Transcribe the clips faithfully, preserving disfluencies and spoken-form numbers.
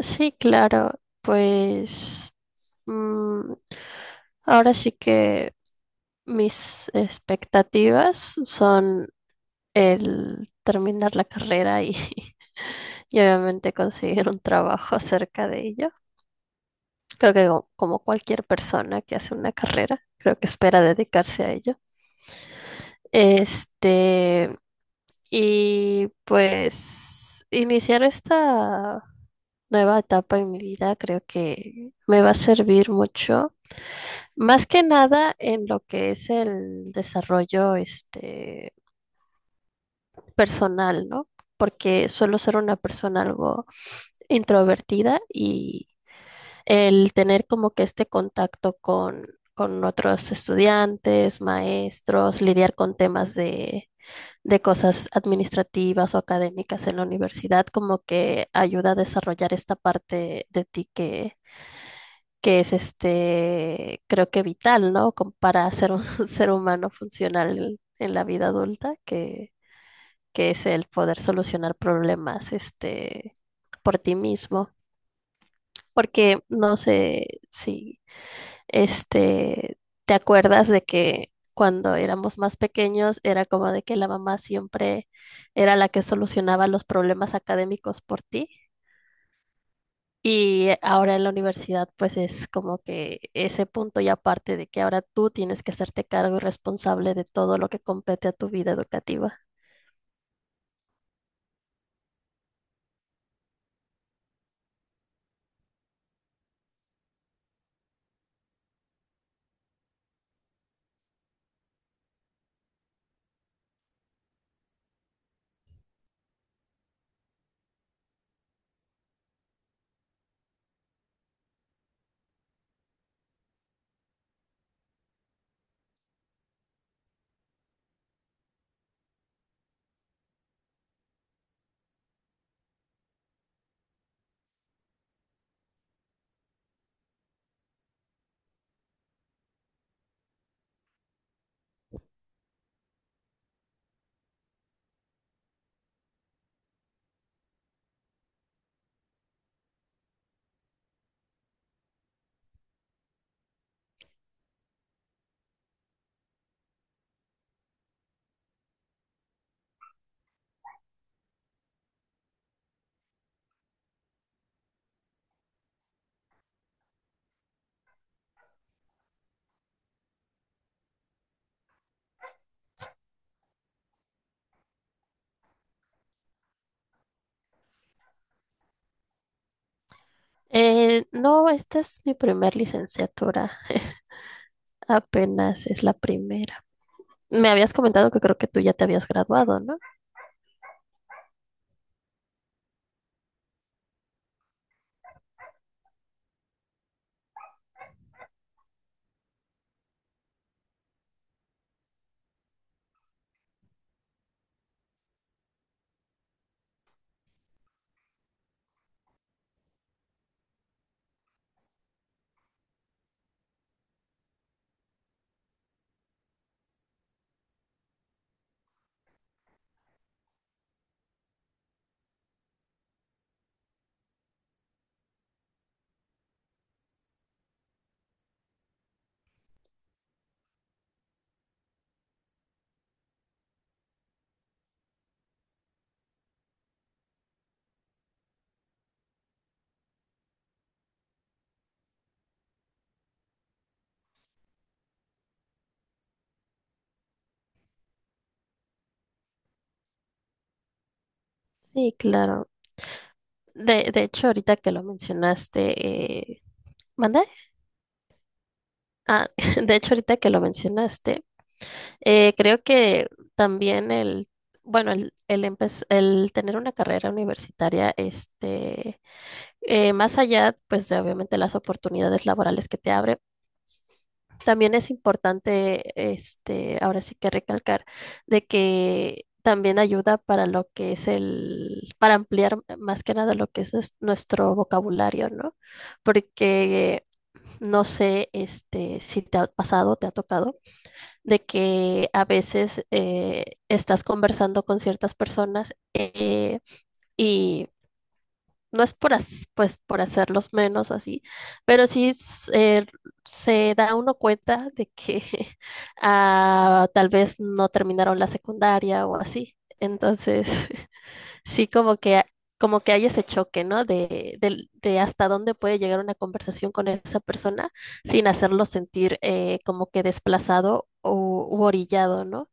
Sí, claro, pues mm, ahora sí que mis expectativas son el terminar la carrera y, y obviamente conseguir un trabajo acerca de ello. Creo que co- como cualquier persona que hace una carrera, creo que espera dedicarse a ello. Este, y pues iniciar esta nueva etapa en mi vida creo que me va a servir mucho. Más que nada en lo que es el desarrollo este, personal, ¿no? Porque suelo ser una persona algo introvertida y el tener como que este contacto con, con otros estudiantes, maestros, lidiar con temas de, de cosas administrativas o académicas en la universidad, como que ayuda a desarrollar esta parte de ti que, que es este, creo que vital, ¿no? Como para ser un ser humano funcional en la vida adulta, que, que es el poder solucionar problemas, este, por ti mismo. Porque no sé si, este, te acuerdas de que cuando éramos más pequeños era como de que la mamá siempre era la que solucionaba los problemas académicos por ti. Y ahora en la universidad, pues es como que ese punto y aparte de que ahora tú tienes que hacerte cargo y responsable de todo lo que compete a tu vida educativa. Eh, no, esta es mi primer licenciatura, apenas es la primera. Me habías comentado que creo que tú ya te habías graduado, ¿no? Sí, claro. De, de hecho, ahorita que lo mencionaste, eh... ¿mande? Ah, de hecho, ahorita que lo mencionaste, eh, creo que también el, bueno, el, el, empe- el tener una carrera universitaria, este, eh, más allá, pues, de obviamente las oportunidades laborales que te abre, también es importante, este, ahora sí que recalcar, de que también ayuda para lo que es el, para ampliar más que nada lo que es nues- nuestro vocabulario, ¿no? Porque, no sé, este, si te ha pasado, te ha tocado de que a veces eh, estás conversando con ciertas personas eh, y no es por, as- pues, por hacerlos menos o así, pero sí s- eh, se da uno cuenta de que ah, tal vez no terminaron la secundaria o así. Entonces, sí como que, como que hay ese choque, ¿no? De, del- de hasta dónde puede llegar una conversación con esa persona sin hacerlo sentir eh, como que desplazado o u orillado, ¿no?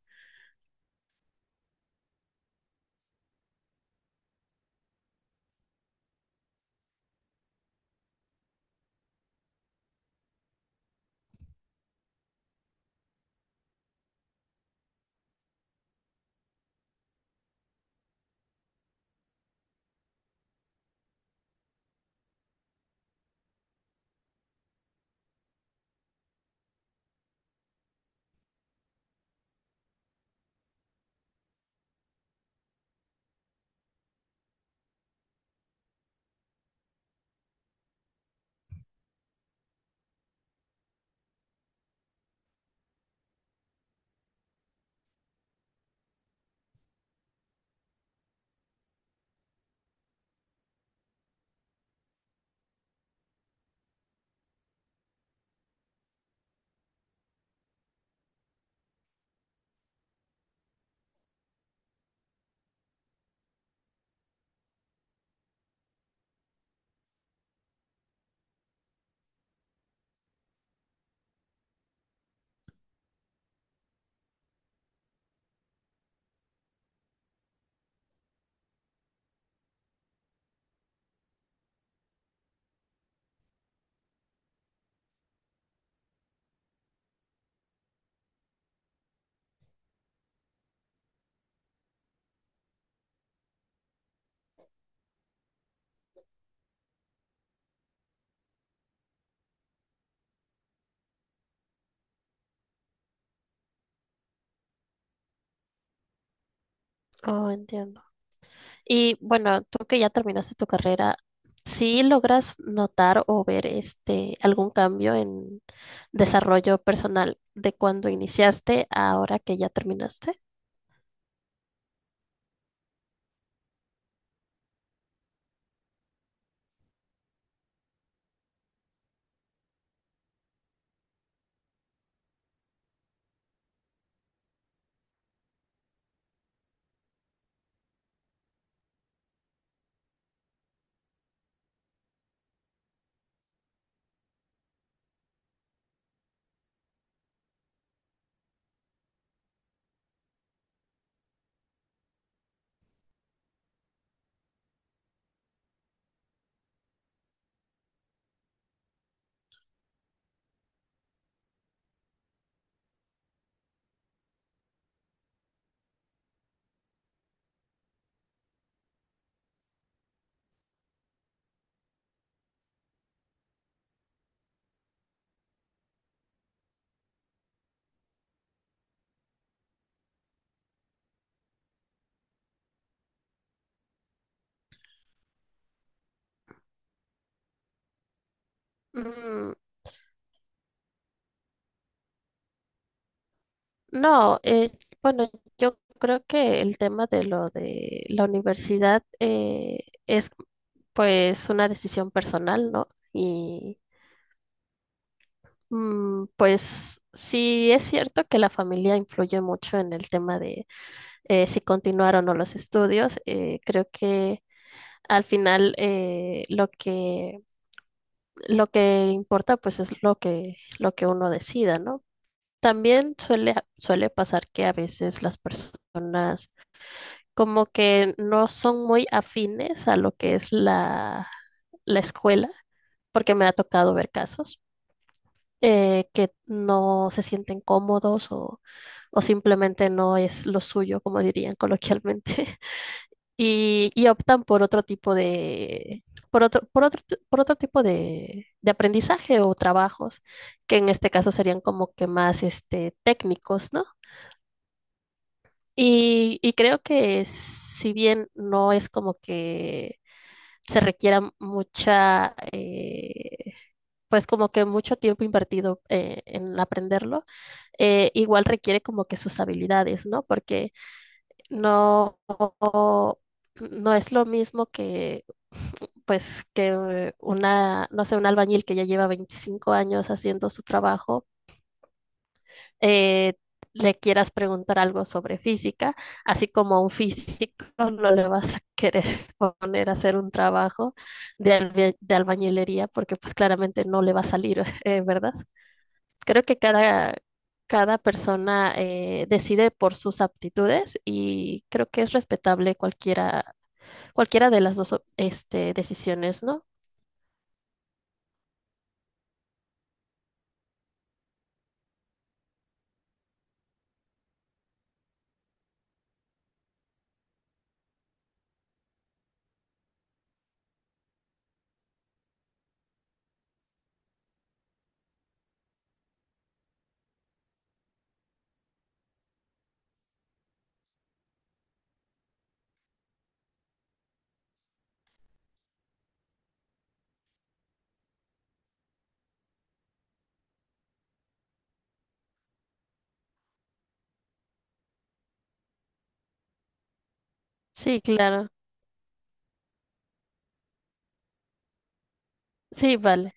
Oh, entiendo. Y bueno, tú que ya terminaste tu carrera, ¿sí logras notar o ver este algún cambio en desarrollo personal de cuando iniciaste a ahora que ya terminaste? Mm, No, eh, bueno, yo creo que el tema de lo de la universidad eh, es pues una decisión personal, ¿no? Y mm, pues sí es cierto que la familia influye mucho en el tema de eh, si continuar o no los estudios. Eh, creo que al final eh, lo que, lo que importa pues es lo que, lo que uno decida, ¿no? También suele, suele pasar que a veces las personas como que no son muy afines a lo que es la, la escuela, porque me ha tocado ver casos eh, que no se sienten cómodos o, o simplemente no es lo suyo, como dirían coloquialmente, y, y optan por otro tipo de, por otro, por otro, ti- por otro tipo de, de aprendizaje o trabajos, que en este caso serían como que más este, técnicos, ¿no? Y, y creo que si bien no es como que se requiera mucha, eh, pues como que mucho tiempo invertido eh, en aprenderlo, eh, igual requiere como que sus habilidades, ¿no? Porque no, no no es lo mismo que, pues, que una, no sé, un albañil que ya lleva veinticinco años haciendo su trabajo eh, le quieras preguntar algo sobre física, así como a un físico no le vas a querer poner a hacer un trabajo de, albe- de albañilería porque pues claramente no le va a salir, eh, ¿verdad? Creo que cada, cada persona eh, decide por sus aptitudes y creo que es respetable cualquiera, cualquiera de las dos op- este, decisiones, ¿no? Sí, claro. Sí, vale.